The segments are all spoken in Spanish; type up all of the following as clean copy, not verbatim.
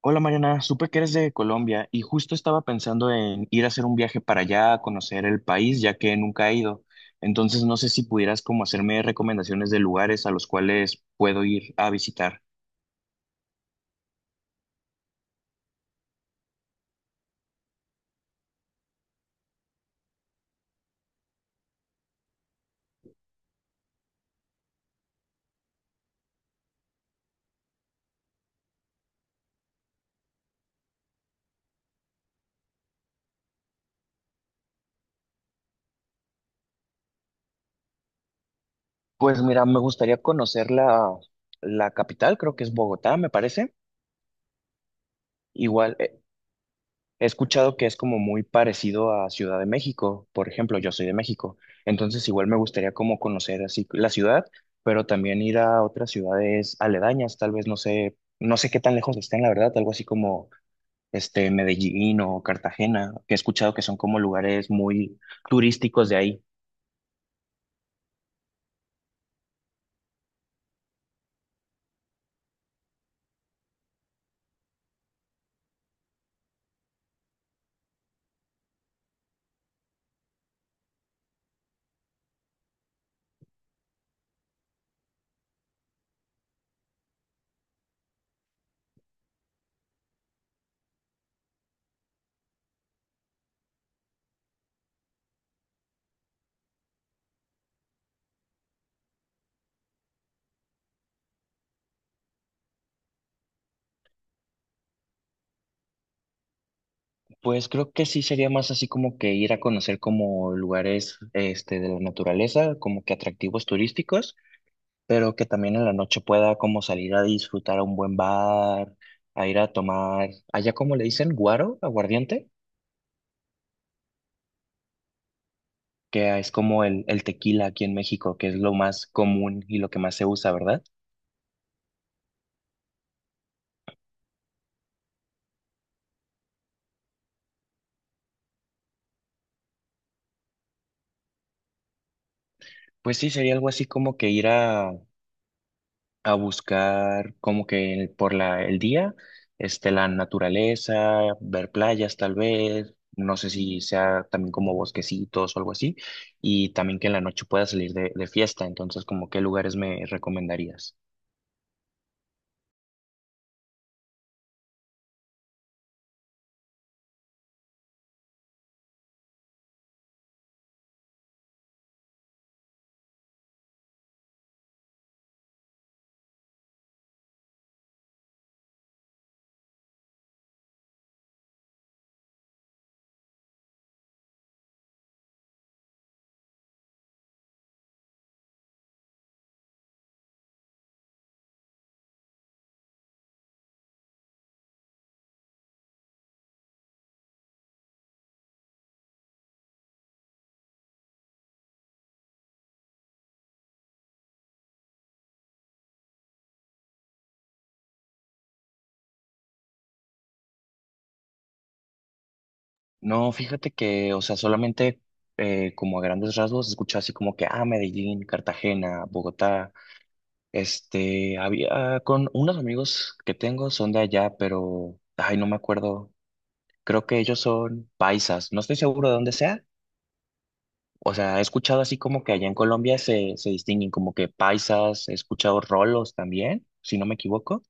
Hola Mariana, supe que eres de Colombia y justo estaba pensando en ir a hacer un viaje para allá a conocer el país, ya que nunca he ido. Entonces no sé si pudieras como hacerme recomendaciones de lugares a los cuales puedo ir a visitar. Pues mira, me gustaría conocer la capital, creo que es Bogotá, me parece. Igual, he escuchado que es como muy parecido a Ciudad de México, por ejemplo, yo soy de México, entonces igual me gustaría como conocer así la ciudad, pero también ir a otras ciudades aledañas, tal vez no sé, no sé qué tan lejos estén, la verdad, algo así como este Medellín o Cartagena, que he escuchado que son como lugares muy turísticos de ahí. Pues creo que sí sería más así como que ir a conocer como lugares este de la naturaleza, como que atractivos turísticos, pero que también en la noche pueda como salir a disfrutar a un buen bar, a ir a tomar, allá como le dicen, guaro, aguardiente, que es como el tequila aquí en México, que es lo más común y lo que más se usa, ¿verdad? Pues sí, sería algo así como que ir a buscar como que por el día, este, la naturaleza, ver playas tal vez. No sé si sea también como bosquecitos o algo así, y también que en la noche pueda salir de fiesta, entonces como qué lugares me recomendarías. No, fíjate que, o sea, solamente como a grandes rasgos escuché así como que, ah, Medellín, Cartagena, Bogotá, este, había con unos amigos que tengo son de allá, pero, ay, no me acuerdo, creo que ellos son paisas, no estoy seguro de dónde sea, o sea, he escuchado así como que allá en Colombia se distinguen como que paisas, he escuchado rolos también, si no me equivoco.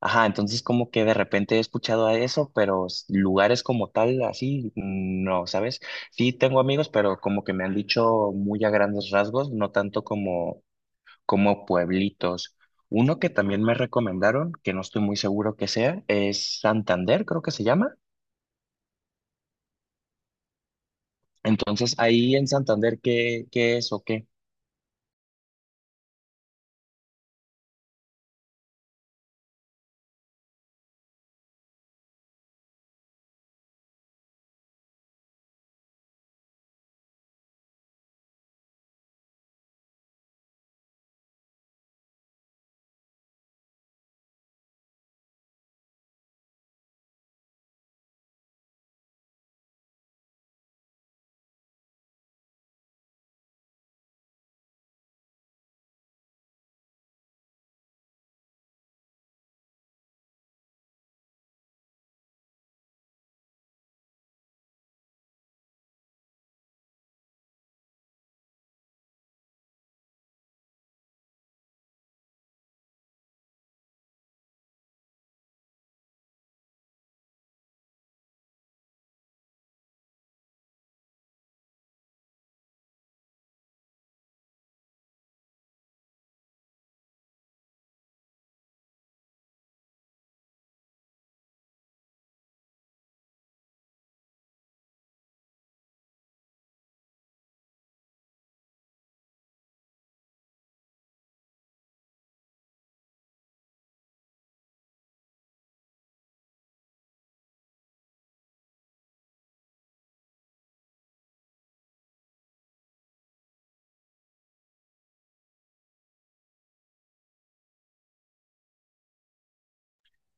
Ajá, entonces como que de repente he escuchado a eso, pero lugares como tal, así, no, ¿sabes? Sí tengo amigos, pero como que me han dicho muy a grandes rasgos, no tanto como, como pueblitos. Uno que también me recomendaron, que no estoy muy seguro que sea, es Santander, creo que se llama. Entonces, ahí en Santander, qué es o qué?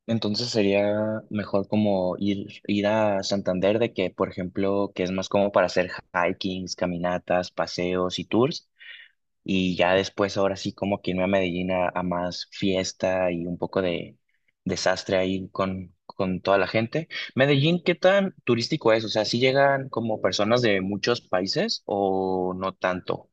Entonces sería mejor como ir, ir a Santander de que, por ejemplo, que es más como para hacer hikings, caminatas, paseos y tours. Y ya después, ahora sí, como que irme a Medellín a más fiesta y un poco de desastre ahí con toda la gente. Medellín, ¿qué tan turístico es? O sea, ¿sí llegan como personas de muchos países o no tanto?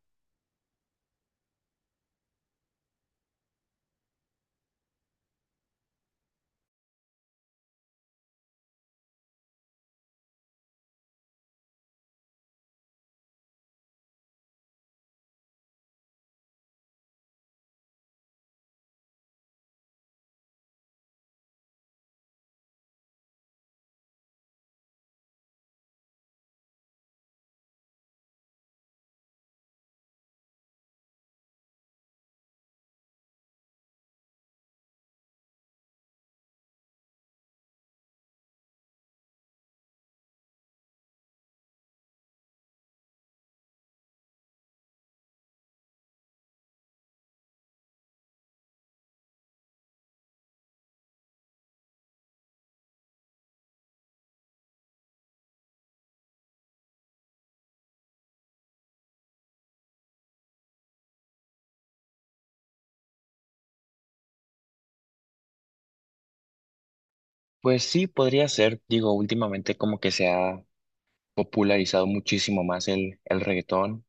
Pues sí, podría ser. Digo, últimamente como que se ha popularizado muchísimo más el reggaetón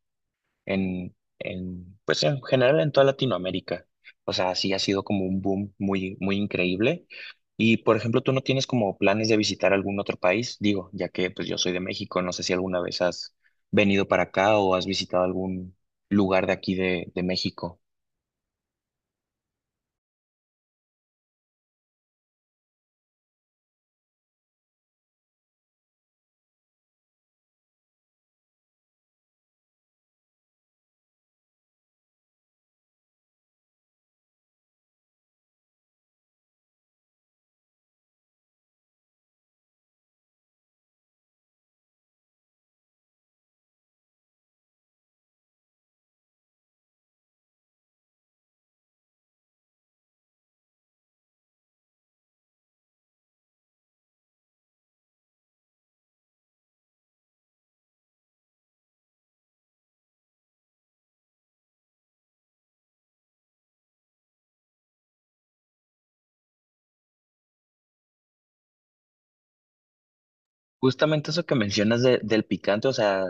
pues en general en toda Latinoamérica. O sea, sí ha sido como un boom muy, muy increíble. Y, por ejemplo, ¿tú no tienes como planes de visitar algún otro país? Digo, ya que pues yo soy de México, no sé si alguna vez has venido para acá o has visitado algún lugar de aquí de México. Justamente eso que mencionas del picante, o sea,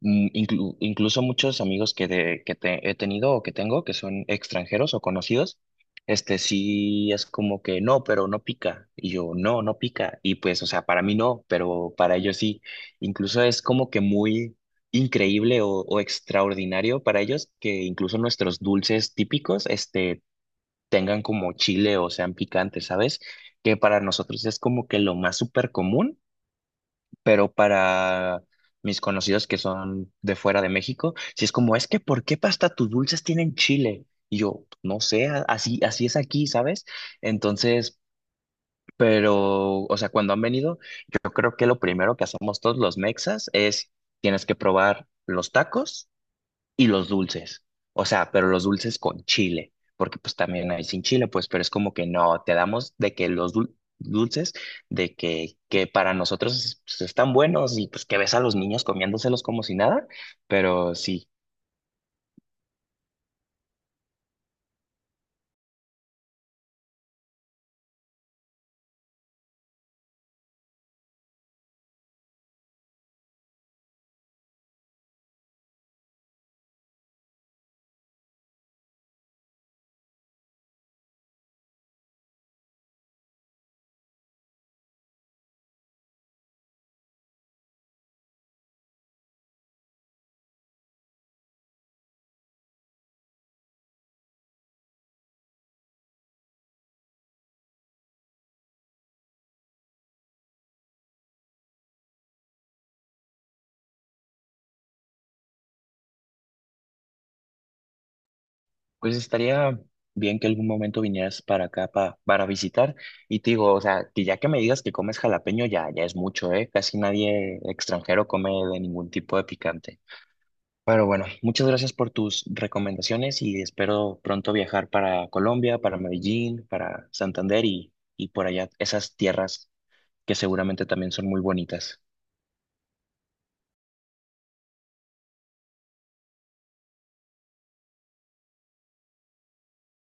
mm, incluso muchos amigos que, he tenido o que tengo, que son extranjeros o conocidos, este sí es como que no, pero no pica. Y yo, no, no pica. Y pues, o sea, para mí no, pero para ellos sí. Incluso es como que muy increíble o extraordinario para ellos que incluso nuestros dulces típicos, este, tengan como chile o sean picantes, ¿sabes? Que para nosotros es como que lo más súper común, pero para mis conocidos que son de fuera de México, si es como, es que ¿por qué hasta tus dulces tienen chile? Y yo, no sé, así, así es aquí, ¿sabes? Entonces, pero, o sea, cuando han venido, yo creo que lo primero que hacemos todos los mexas es, tienes que probar los tacos y los dulces. O sea, pero los dulces con chile, porque pues también hay sin chile, pues, pero es como que no, te damos de que los dulces, de que para nosotros pues, están buenos y pues que ves a los niños comiéndoselos como si nada, pero sí, pues estaría bien que algún momento vinieras para acá para visitar y te digo, o sea, que ya que me digas que comes jalapeño ya, ya es mucho, ¿eh? Casi nadie extranjero come de ningún tipo de picante. Pero bueno, muchas gracias por tus recomendaciones y espero pronto viajar para Colombia, para Medellín, para Santander y por allá esas tierras que seguramente también son muy bonitas.